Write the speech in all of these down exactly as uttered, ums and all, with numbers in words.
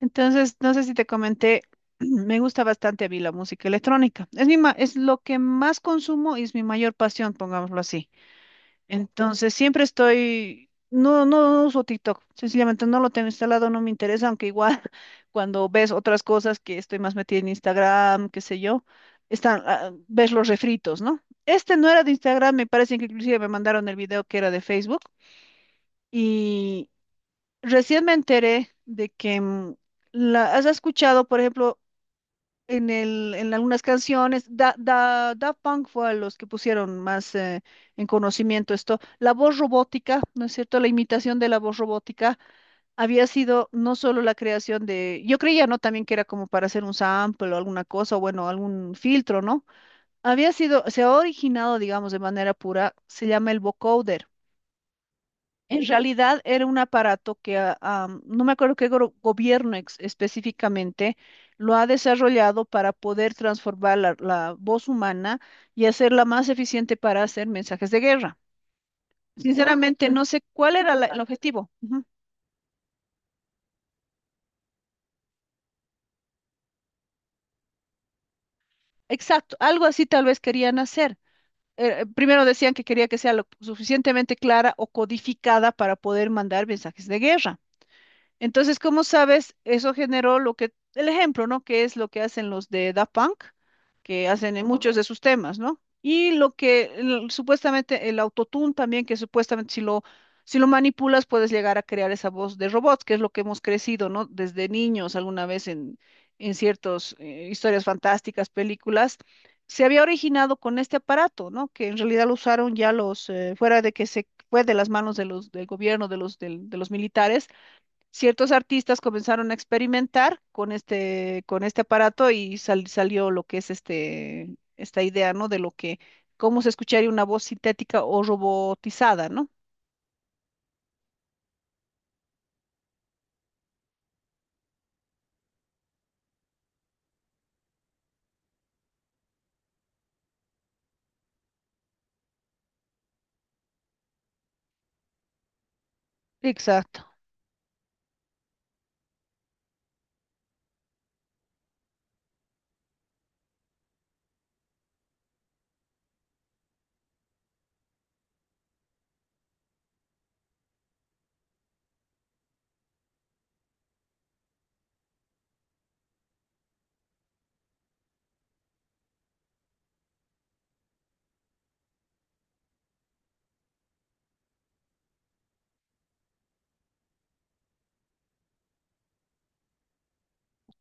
Entonces, no sé si te comenté, me gusta bastante a mí la música electrónica. Es mi ma- es lo que más consumo y es mi mayor pasión, pongámoslo así. Entonces, siempre estoy, no, no, no uso TikTok, sencillamente no lo tengo instalado, no me interesa, aunque igual cuando ves otras cosas que estoy más metida en Instagram, qué sé yo, están, ah, ves los refritos, ¿no? Este no era de Instagram, me parece que inclusive me mandaron el video que era de Facebook. Recién me enteré de que mm, la, has escuchado, por ejemplo, en el, en algunas canciones, da, da, Daft Punk fue a los que pusieron más eh, en conocimiento esto, la voz robótica, ¿no es cierto? La imitación de la voz robótica había sido no solo la creación de, yo creía, ¿no? También que era como para hacer un sample o alguna cosa, o bueno, algún filtro, ¿no? Había sido, se ha originado, digamos, de manera pura, se llama el vocoder. En realidad era un aparato que ah, am, no me acuerdo qué gro- gobierno ex- específicamente lo ha desarrollado para poder transformar la, la voz humana y hacerla más eficiente para hacer mensajes de guerra. Sinceramente, no sé cuál era la- el objetivo. Ujú. Exacto, algo así tal vez querían hacer. Eh, eh, primero decían que quería que sea lo suficientemente clara o codificada para poder mandar mensajes de guerra. Entonces, como sabes, eso generó lo que, el ejemplo, ¿no? Que es lo que hacen los de Da Punk, que hacen en Ujú. Muchos de sus temas, ¿no? Y lo que el- supuestamente el autotune también, que supuestamente si lo, si lo manipulas puedes llegar a crear esa voz de robots, que es lo que hemos crecido, ¿no? Desde niños alguna vez en, en ciertas historias fantásticas, películas, se había originado con este aparato, ¿no? Que en realidad lo usaron ya los, eh, fuera de que se fue de las manos de los, del gobierno, de los, del- de los militares. Ciertos artistas comenzaron a experimentar con este, con este aparato y sal- salió lo que es este, esta idea, ¿no? De lo que, cómo se escucharía una voz sintética o robotizada, ¿no? Exacto,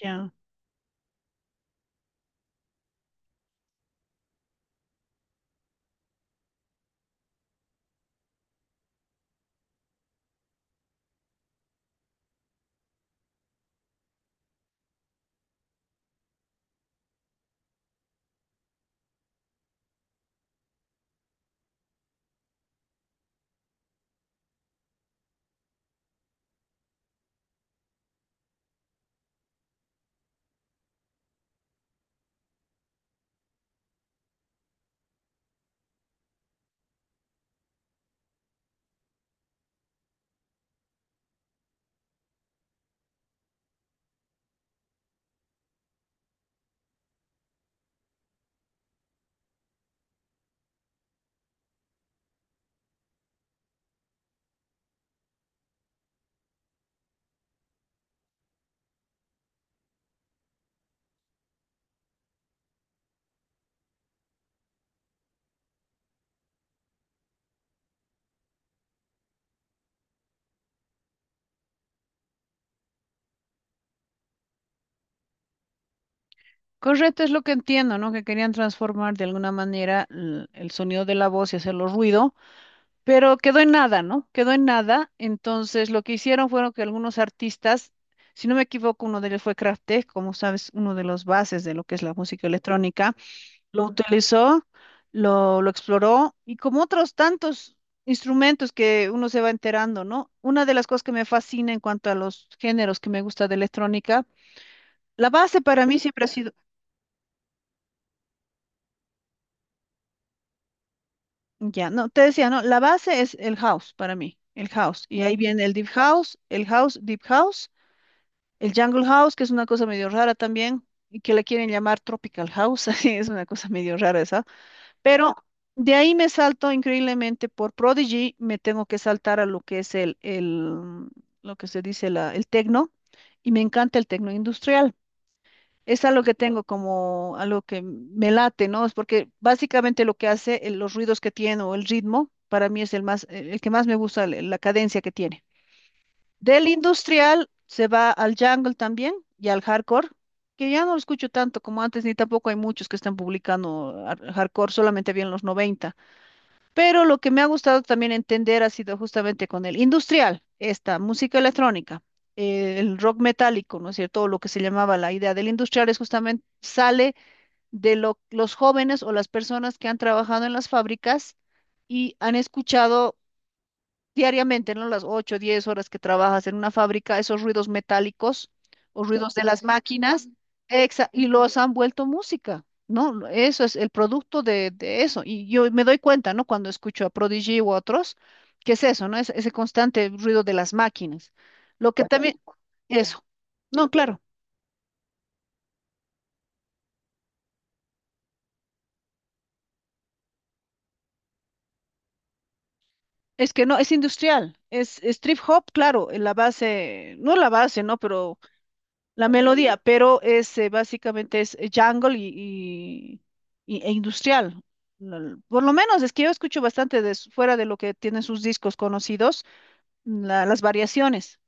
ya. Correcto, es lo que entiendo, ¿no? Que querían transformar de alguna manera l- el sonido de la voz y hacerlo ruido, pero quedó en nada, ¿no? Quedó en nada. Entonces, lo que hicieron fueron que algunos artistas, si no me equivoco, uno de ellos fue Kraftwerk, como sabes, uno de los bases de lo que es la música electrónica, lo utilizó, lo, lo exploró y como otros tantos instrumentos que uno se va enterando, ¿no? Una de las cosas que me fascina en cuanto a los géneros que me gusta de electrónica, la base para mí siempre ha sido, ya, no, te decía, ¿no? La base es el house para mí, el house. Y ahí viene el deep house, el house, deep house, el jungle house, que es una cosa medio rara también. Y que le quieren llamar Tropical House, así es una cosa medio rara esa. Pero de ahí me salto increíblemente por Prodigy, me tengo que saltar a lo que es el, el lo que se dice la- el tecno, y me encanta el tecno industrial. Es algo que tengo como algo que me late, ¿no? Es porque básicamente lo que hace, eh, los ruidos que tiene o el ritmo, para mí es el más, eh, el que más me gusta, la la cadencia que tiene. Del industrial se va al jungle también y al hardcore, que ya no lo escucho tanto como antes, ni tampoco hay muchos que están publicando ar- hardcore, solamente había en los noventa. Pero lo que me ha gustado también entender ha sido justamente con el industrial, esta música electrónica, eh, el rock metálico, ¿no es cierto? O lo que se llamaba la idea del industrial es justamente sale de lo- los jóvenes o las personas que han trabajado en las fábricas y han escuchado diariamente, ¿no? Las ocho, diez horas que trabajas en una fábrica, esos ruidos metálicos o ruidos de las máquinas, exa- y los han vuelto música, ¿no? Eso es el producto de, de eso. Y yo me doy cuenta, ¿no? Cuando escucho a Prodigy u otros, que es eso, ¿no? Es ese constante ruido de las máquinas. Lo que también, eso, no, claro. Es que no, es industrial, es, es trip hop, claro, en la base, no la base, ¿no? Pero la melodía, pero es eh, básicamente es eh, jungle y, y- y- e industrial. La- la- Por lo menos es que yo escucho bastante de, su- fuera de lo que tienen sus discos conocidos, la- las variaciones.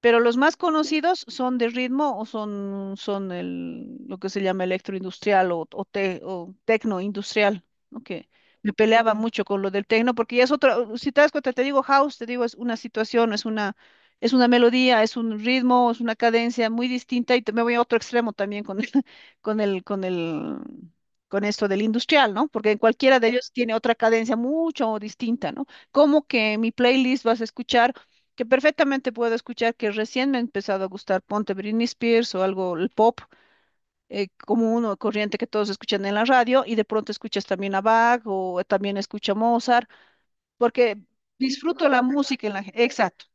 Pero los más conocidos son de ritmo o son, son el, lo que se llama electroindustrial o, o, te- o tecnoindustrial, ¿no? Que me peleaba mucho con lo del tecno, porque ya es otra, si te das cuenta, te digo house, te digo es una situación, es una, es una melodía, es un ritmo, es una cadencia muy distinta y te- me voy a otro extremo también con el, con el, con el, con esto del industrial, ¿no? Porque en cualquiera de ellos tiene otra cadencia mucho distinta, ¿no? Como que en mi playlist vas a escuchar que perfectamente puedo escuchar que recién me ha empezado a gustar, ponte, Britney Spears o algo, el pop, eh, como uno corriente que todos escuchan en la radio y de pronto escuchas también a Bach o también escucha Mozart, porque disfruto la música en la... Exacto,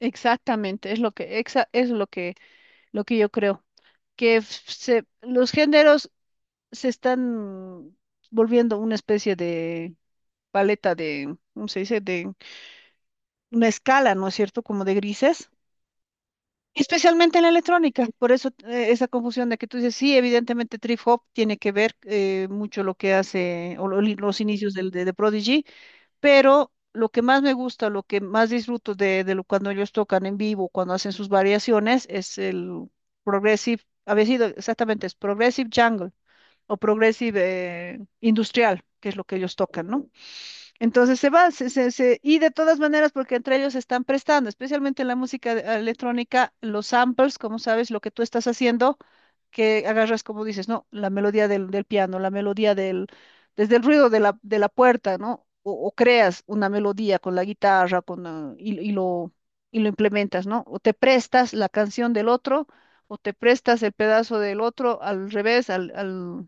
exactamente, es lo que, exa- es lo que, lo que yo creo, que f- se- los géneros se están volviendo una especie de paleta de, ¿cómo se dice? De una escala, ¿no es cierto? Como de grises. Especialmente en la electrónica, por eso eh, esa confusión de que tú dices, sí, evidentemente Trip Hop tiene que ver eh, mucho lo que hace o lo- los inicios del, de, de Prodigy, pero lo que más me gusta, lo que más disfruto de, de lo, cuando ellos tocan en vivo, cuando hacen sus variaciones, es el Progressive, había sido exactamente, es Progressive Jungle o Progressive eh, Industrial, que es lo que ellos tocan, ¿no? Entonces se va, se, se- se- y de todas maneras, porque entre ellos se están prestando, especialmente en la música de- electrónica, los samples, como sabes, lo que tú estás haciendo, que agarras, como dices, ¿no? La melodía del, del piano, la melodía del, desde el ruido de la, de la puerta, ¿no? O, o creas una melodía con la guitarra, con, ah, y, y lo, y lo implementas, ¿no? O te prestas la canción del otro, o te prestas el pedazo del otro al revés, al, al,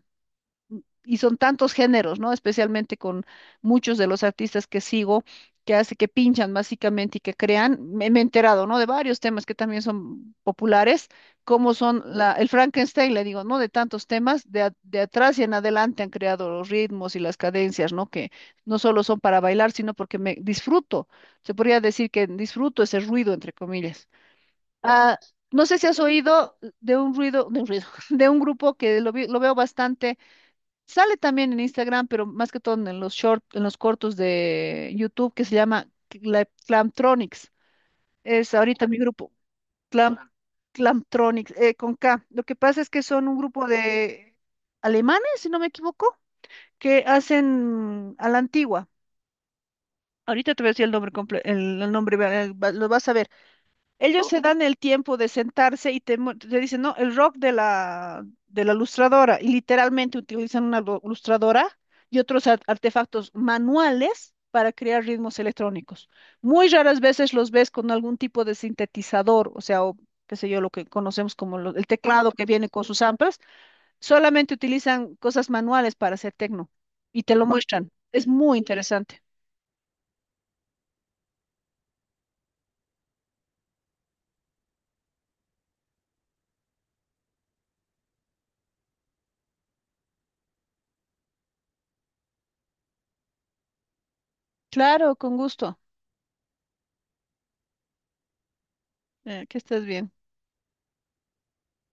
y son tantos géneros, ¿no? Especialmente con muchos de los artistas que sigo, que hace que pinchan básicamente y que crean. Me, me he enterado, ¿no? De varios temas que también son populares, como son la, el Frankenstein, le digo, ¿no? De tantos temas, de, a- de atrás y en adelante han creado los ritmos y las cadencias, ¿no? Que no solo son para bailar, sino porque me disfruto. Se podría decir que disfruto ese ruido, entre comillas. Ah, no sé si has oído de un ruido, de un ruido, de un grupo que lo vi- lo veo bastante. Sale también en Instagram, pero más que todo en los short, en los cortos de YouTube, que se llama Cla- Clamtronics. Es ahorita mi grupo, Clam, Clamtronics, eh, con K. Lo que pasa es que son un grupo de alemanes, si no me equivoco, que hacen a la antigua. Ahorita te voy a decir el nombre comple- el, el nombre, va- eh, va- lo vas a ver. Ellos se dan el tiempo de sentarse y te, mu- te dicen, no, el rock de la, de la lustradora, y literalmente utilizan una lu- lustradora y otros ar- artefactos manuales para crear ritmos electrónicos. Muy raras veces los ves con algún tipo de sintetizador, o sea, o qué sé yo, lo que conocemos como lo- el teclado que viene con sus amplas, solamente utilizan cosas manuales para hacer tecno y te lo muestran. Es muy interesante. Claro, con gusto. Eh, que estés bien.